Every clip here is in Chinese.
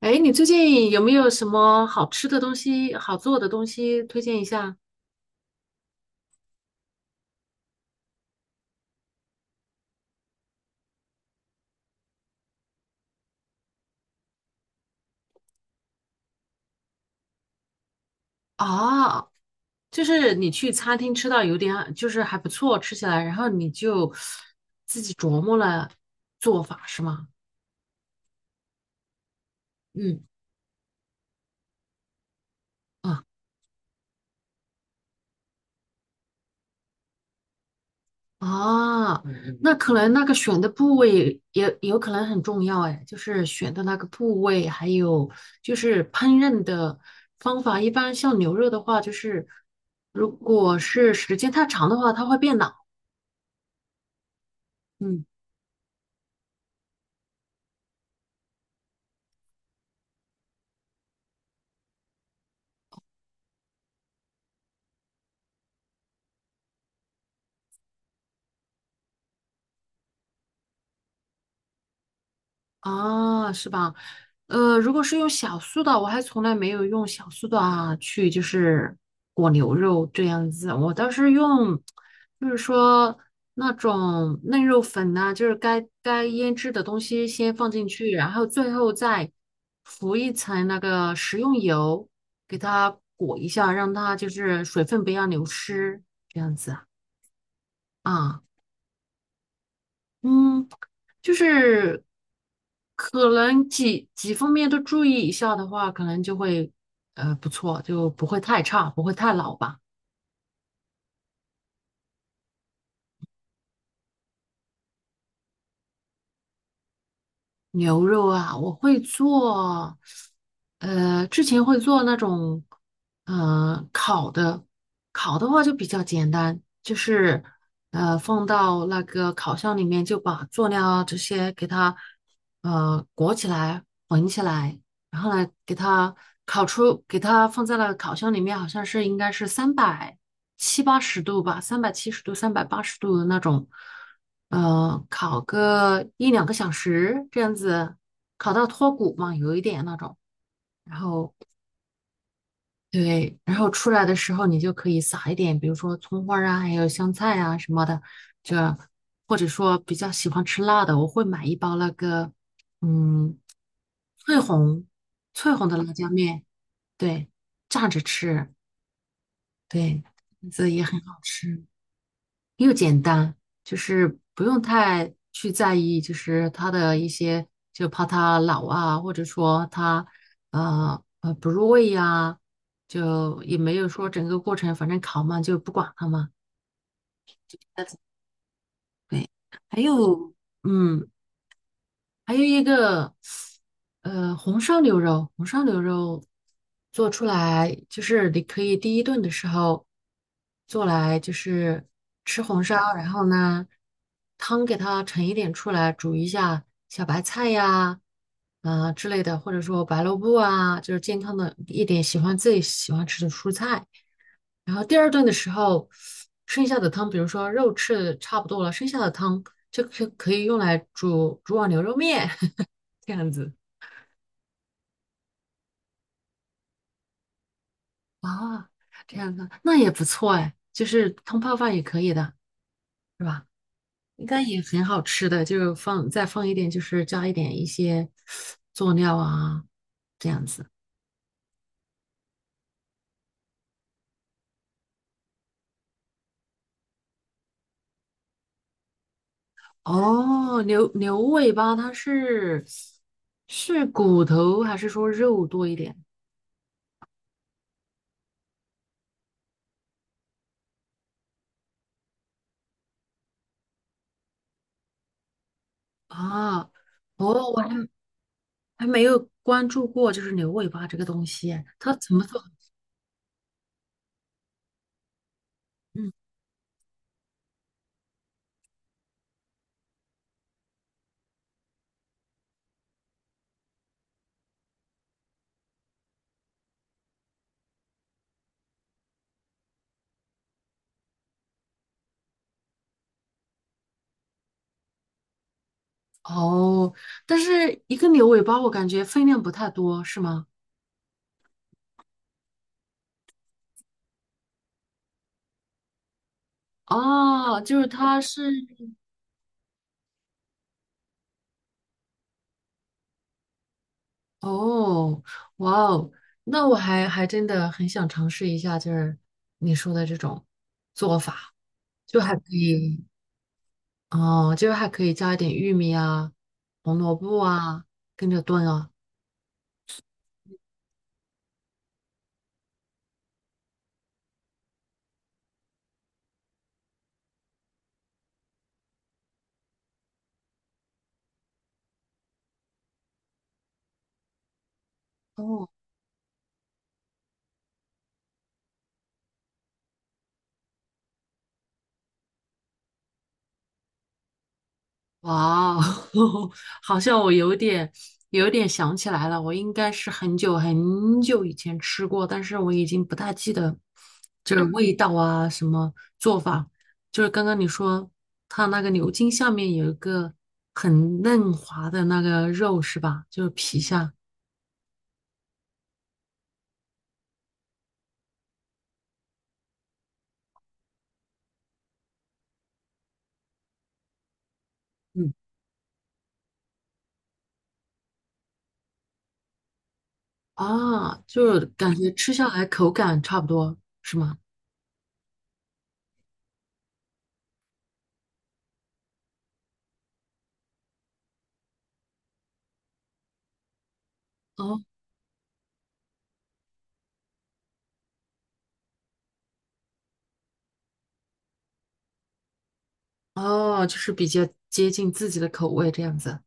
哎，你最近有没有什么好吃的东西、好做的东西推荐一下？啊，就是你去餐厅吃到有点，就是还不错，吃起来，然后你就自己琢磨了做法是吗？嗯啊啊，嗯嗯那可能那个选的部位也有可能很重要哎，就是选的那个部位，还有就是烹饪的方法。一般像牛肉的话，就是如果是时间太长的话，它会变老。嗯。啊，是吧？如果是用小苏打，我还从来没有用小苏打去就是裹牛肉这样子，我倒是用，就是说那种嫩肉粉呐、就是该腌制的东西先放进去，然后最后再浮一层那个食用油，给它裹一下，让它就是水分不要流失，这样子啊。啊嗯，就是可能几方面都注意一下的话，可能就会不错，就不会太差，不会太老吧。牛肉啊，我会做，之前会做那种，烤的，烤的话就比较简单，就是放到那个烤箱里面，就把佐料啊这些给它裹起来，混起来。然后来给它烤出，给它放在了烤箱里面，好像是应该是三百七八十度吧，三百七十度、三百八十度的那种，烤个一两个小时这样子，烤到脱骨嘛，有一点那种。然后对，然后出来的时候你就可以撒一点，比如说葱花儿啊，还有香菜啊什么的，就或者说比较喜欢吃辣的，我会买一包那个，嗯，翠红翠红的辣椒面。对，炸着吃，对，这也很好吃，又简单，就是不用太去在意，就是它的一些，就怕它老啊，或者说它不入味呀、就也没有说整个过程，反正烤嘛就不管它嘛。对，还有，嗯，还有一个，红烧牛肉，红烧牛肉做出来就是你可以第一顿的时候做来，就是吃红烧，然后呢，汤给它盛一点出来，煮一下小白菜呀，啊之类的，或者说白萝卜啊，就是健康的一点，喜欢自己喜欢吃的蔬菜。然后第二顿的时候，剩下的汤，比如说肉吃的差不多了，剩下的汤就可以用来煮碗牛肉面。这样子。啊，这样子那也不错哎，就是汤泡饭也可以的，是吧？应该也很好吃的，就是放再放一点，就是加一点一些佐料啊，这样子。哦，牛尾巴它是骨头还是说肉多一点啊？哦，我还没有关注过，就是牛尾巴这个东西哎，它怎么做？嗯，哦，但是一个牛尾巴我感觉分量不太多，是吗？哦，就是它是哦，哇哦，那我还真的很想尝试一下，就是你说的这种做法，就还可以哦，就是还可以加一点玉米啊、红萝卜啊，跟着炖啊。哦，哇哦，好像我有点想起来了，我应该是很久很久以前吃过，但是我已经不大记得就是味道啊，什么做法。就是刚刚你说它那个牛筋下面有一个很嫩滑的那个肉是吧？就是皮下，嗯，啊，就是感觉吃下来口感差不多是吗？哦哦，就是比较接近自己的口味这样子。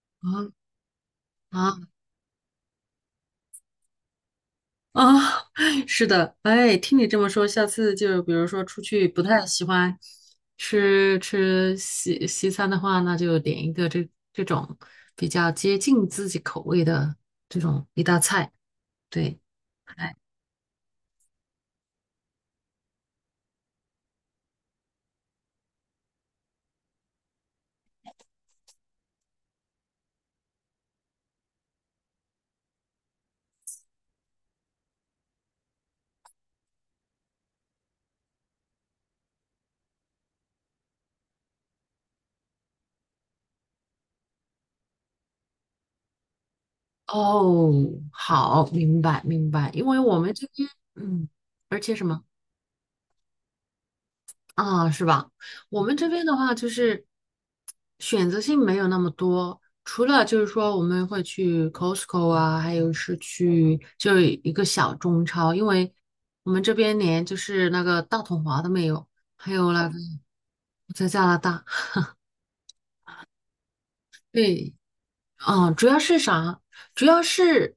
啊啊。啊，是的，哎，听你这么说，下次就比如说出去不太喜欢吃西餐的话，那就点一个这种比较接近自己口味的这种一道菜。对，哎，哦，好，明白明白，因为我们这边，嗯，而且什么？啊，是吧？我们这边的话就是选择性没有那么多，除了就是说我们会去 Costco 啊，还有是去就一个小中超，因为我们这边连就是那个大统华都没有，还有那个我在加拿大，对，嗯，主要是啥？主要是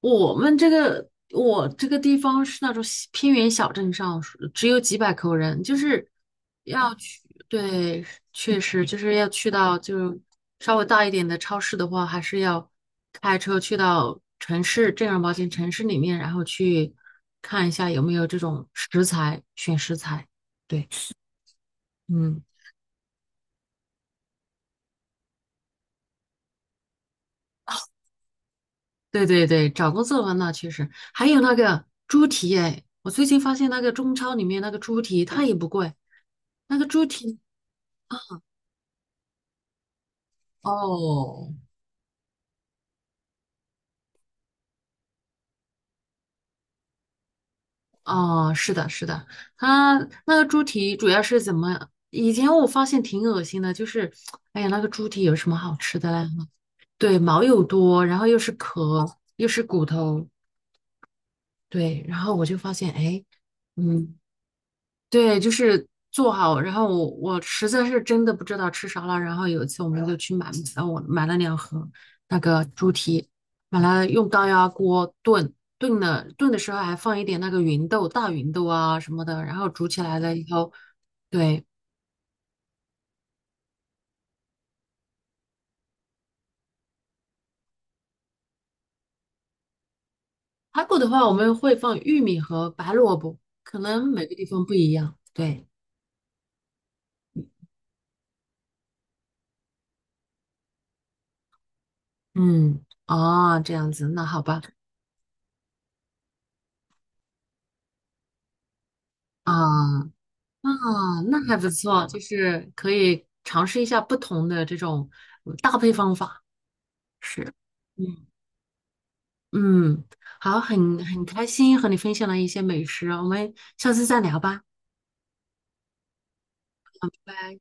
我这个地方是那种小偏远小镇上，只有几百口人，就是要去，对，确实就是要去到就是稍微大一点的超市的话，还是要开车去到正儿八经城市里面，然后去看一下有没有这种食材，选食材。对，嗯。对对对，找工作的话，那确实，还有那个猪蹄哎，我最近发现那个中超里面那个猪蹄它也不贵，那个猪蹄哦哦是的是的，它那个猪蹄主要是怎么？以前我发现挺恶心的，就是哎呀那个猪蹄有什么好吃的嘞？对，毛又多，然后又是壳又是骨头，对，然后我就发现哎，嗯，对，就是做好。然后我实在是真的不知道吃啥了。然后有一次我们就去买，我买了两盒那个猪蹄，买了用高压锅炖，炖了炖的时候还放一点那个芸豆、大芸豆啊什么的。然后煮起来了以后，对，排骨的话我们会放玉米和白萝卜，可能每个地方不一样。对，嗯，哦，这样子，那好吧，啊。啊，那还不错，就是可以尝试一下不同的这种搭配方法。是，嗯嗯，好，很开心和你分享了一些美食，我们下次再聊吧。拜拜。